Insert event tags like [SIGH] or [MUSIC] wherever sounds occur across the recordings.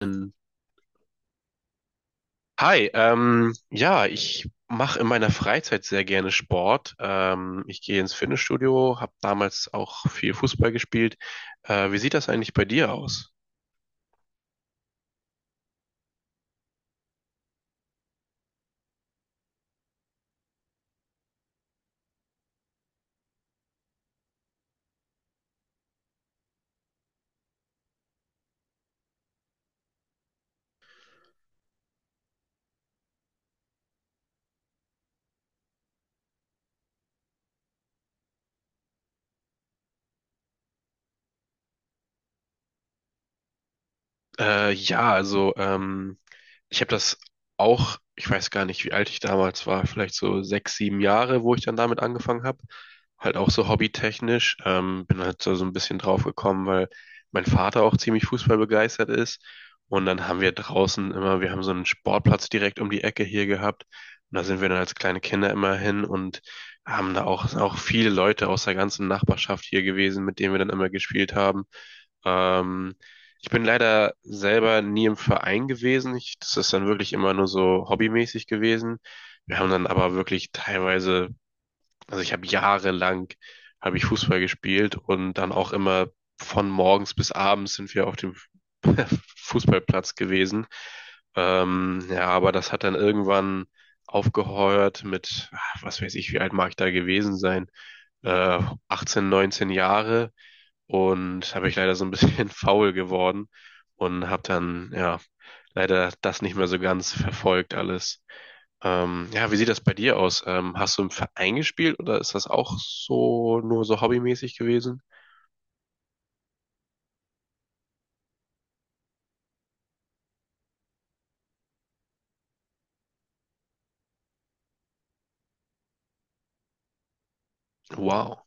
Ähm, Hi, ja, ich mache in meiner Freizeit sehr gerne Sport. Ich gehe ins Fitnessstudio, habe damals auch viel Fußball gespielt. Wie sieht das eigentlich bei dir aus? Ja, also, ich habe das auch, ich weiß gar nicht, wie alt ich damals war, vielleicht so sechs, sieben Jahre, wo ich dann damit angefangen habe. Halt auch so hobbytechnisch. Bin halt so ein bisschen drauf gekommen, weil mein Vater auch ziemlich fußballbegeistert ist. Und dann haben wir draußen immer, wir haben so einen Sportplatz direkt um die Ecke hier gehabt. Und da sind wir dann als kleine Kinder immer hin und haben da auch viele Leute aus der ganzen Nachbarschaft hier gewesen, mit denen wir dann immer gespielt haben. Ähm, Ich bin leider selber nie im Verein gewesen. Ich, das ist dann wirklich immer nur so hobbymäßig gewesen. Wir haben dann aber wirklich teilweise, also ich habe jahrelang habe ich Fußball gespielt und dann auch immer von morgens bis abends sind wir auf dem [LAUGHS] Fußballplatz gewesen. Ja, aber das hat dann irgendwann aufgehört mit, ah, was weiß ich, wie alt mag ich da gewesen sein? Äh, 18, 19 Jahre und habe ich leider so ein bisschen [LAUGHS] faul geworden und habe dann ja leider das nicht mehr so ganz verfolgt alles. Ja, wie sieht das bei dir aus? Hast du im Verein gespielt oder ist das auch so nur so hobbymäßig gewesen? Wow.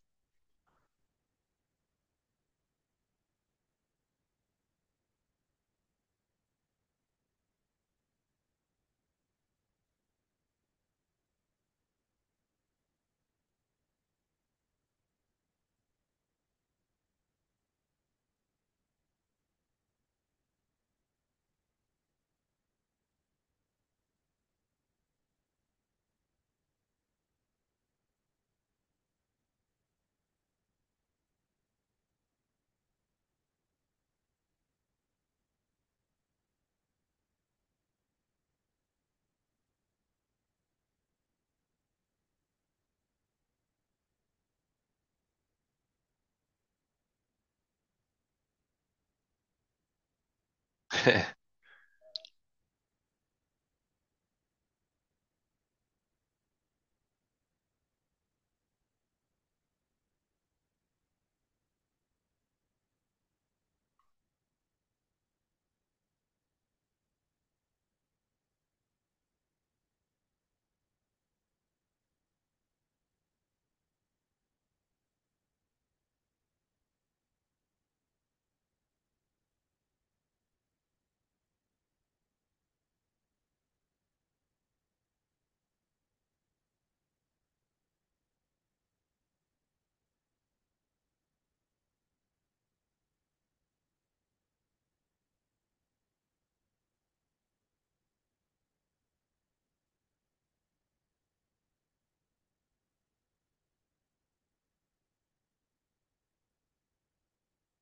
[LAUGHS]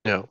Ja.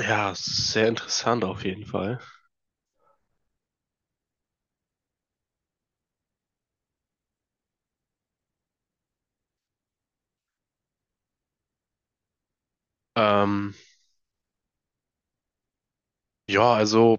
Ja, sehr interessant auf jeden Fall. Ähm, Ja, also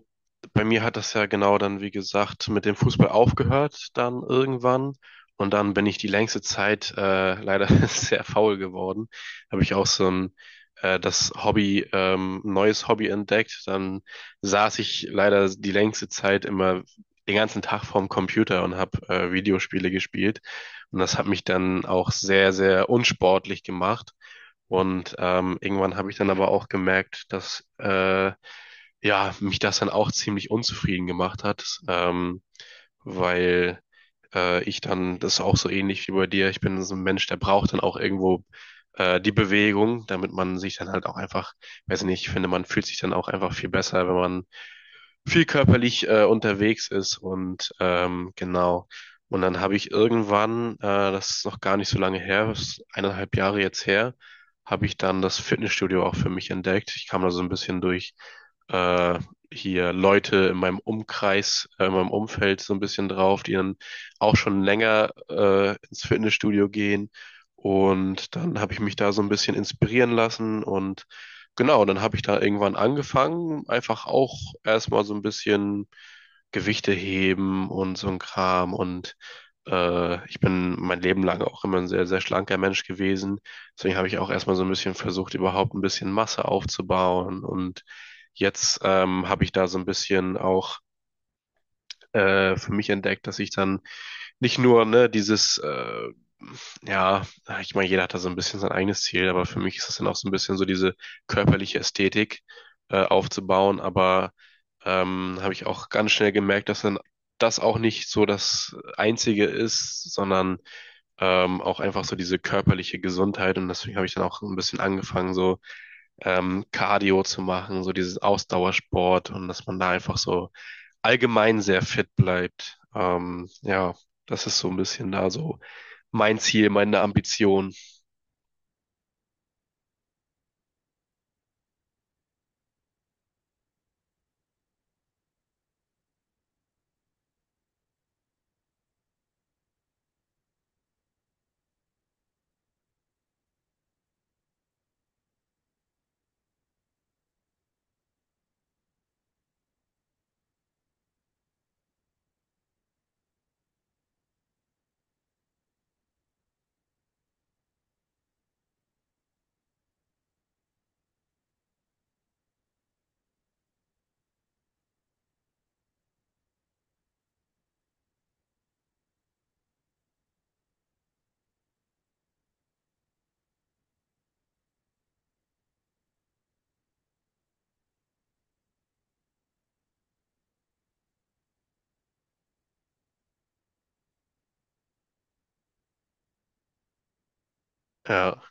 bei mir hat das ja genau dann, wie gesagt, mit dem Fußball aufgehört, dann irgendwann. Und dann bin ich die längste Zeit leider [LAUGHS] sehr faul geworden. Habe ich auch so ein das Hobby, neues Hobby entdeckt. Dann saß ich leider die längste Zeit immer den ganzen Tag vorm Computer und habe Videospiele gespielt. Und das hat mich dann auch sehr, sehr unsportlich gemacht. Und irgendwann habe ich dann aber auch gemerkt, dass ja, mich das dann auch ziemlich unzufrieden gemacht hat, weil ich dann, das ist auch so ähnlich wie bei dir, ich bin so ein Mensch, der braucht dann auch irgendwo die Bewegung, damit man sich dann halt auch einfach, weiß nicht, ich finde, man fühlt sich dann auch einfach viel besser, wenn man viel körperlich unterwegs ist und genau. Und dann habe ich irgendwann, das ist noch gar nicht so lange her, das ist eineinhalb Jahre jetzt her, habe ich dann das Fitnessstudio auch für mich entdeckt. Ich kam da so ein bisschen durch äh, hier Leute in meinem Umkreis, in meinem Umfeld so ein bisschen drauf, die dann auch schon länger ins Fitnessstudio gehen. Und dann habe ich mich da so ein bisschen inspirieren lassen und genau, und dann habe ich da irgendwann angefangen, einfach auch erstmal so ein bisschen Gewichte heben und so ein Kram. Und ich bin mein Leben lang auch immer ein sehr, sehr schlanker Mensch gewesen. Deswegen habe ich auch erstmal so ein bisschen versucht, überhaupt ein bisschen Masse aufzubauen. Und jetzt habe ich da so ein bisschen auch für mich entdeckt, dass ich dann nicht nur, ne, dieses, ja, ich meine, jeder hat da so ein bisschen sein eigenes Ziel, aber für mich ist das dann auch so ein bisschen so diese körperliche Ästhetik aufzubauen, aber habe ich auch ganz schnell gemerkt, dass dann das auch nicht so das Einzige ist, sondern auch einfach so diese körperliche Gesundheit und deswegen habe ich dann auch ein bisschen angefangen, so Cardio zu machen, so dieses Ausdauersport und dass man da einfach so allgemein sehr fit bleibt. Ja, das ist so ein bisschen da so mein Ziel, meine Ambition. Ja,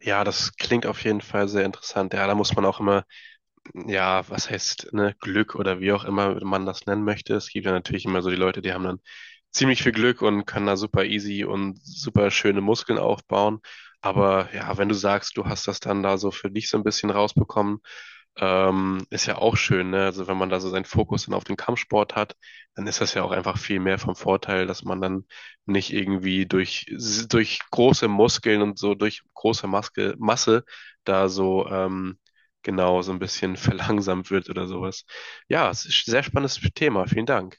ja, das klingt auf jeden Fall sehr interessant. Ja, da muss man auch immer ja, was heißt, ne, Glück oder wie auch immer man das nennen möchte. Es gibt ja natürlich immer so die Leute, die haben dann ziemlich viel Glück und können da super easy und super schöne Muskeln aufbauen. Aber ja, wenn du sagst, du hast das dann da so für dich so ein bisschen rausbekommen, ist ja auch schön, ne? Also wenn man da so seinen Fokus dann auf den Kampfsport hat, dann ist das ja auch einfach viel mehr vom Vorteil, dass man dann nicht irgendwie durch große Muskeln und so durch Masse da so genau so ein bisschen [LAUGHS] verlangsamt wird oder sowas. Ja, es ist ein sehr spannendes Thema. Vielen Dank.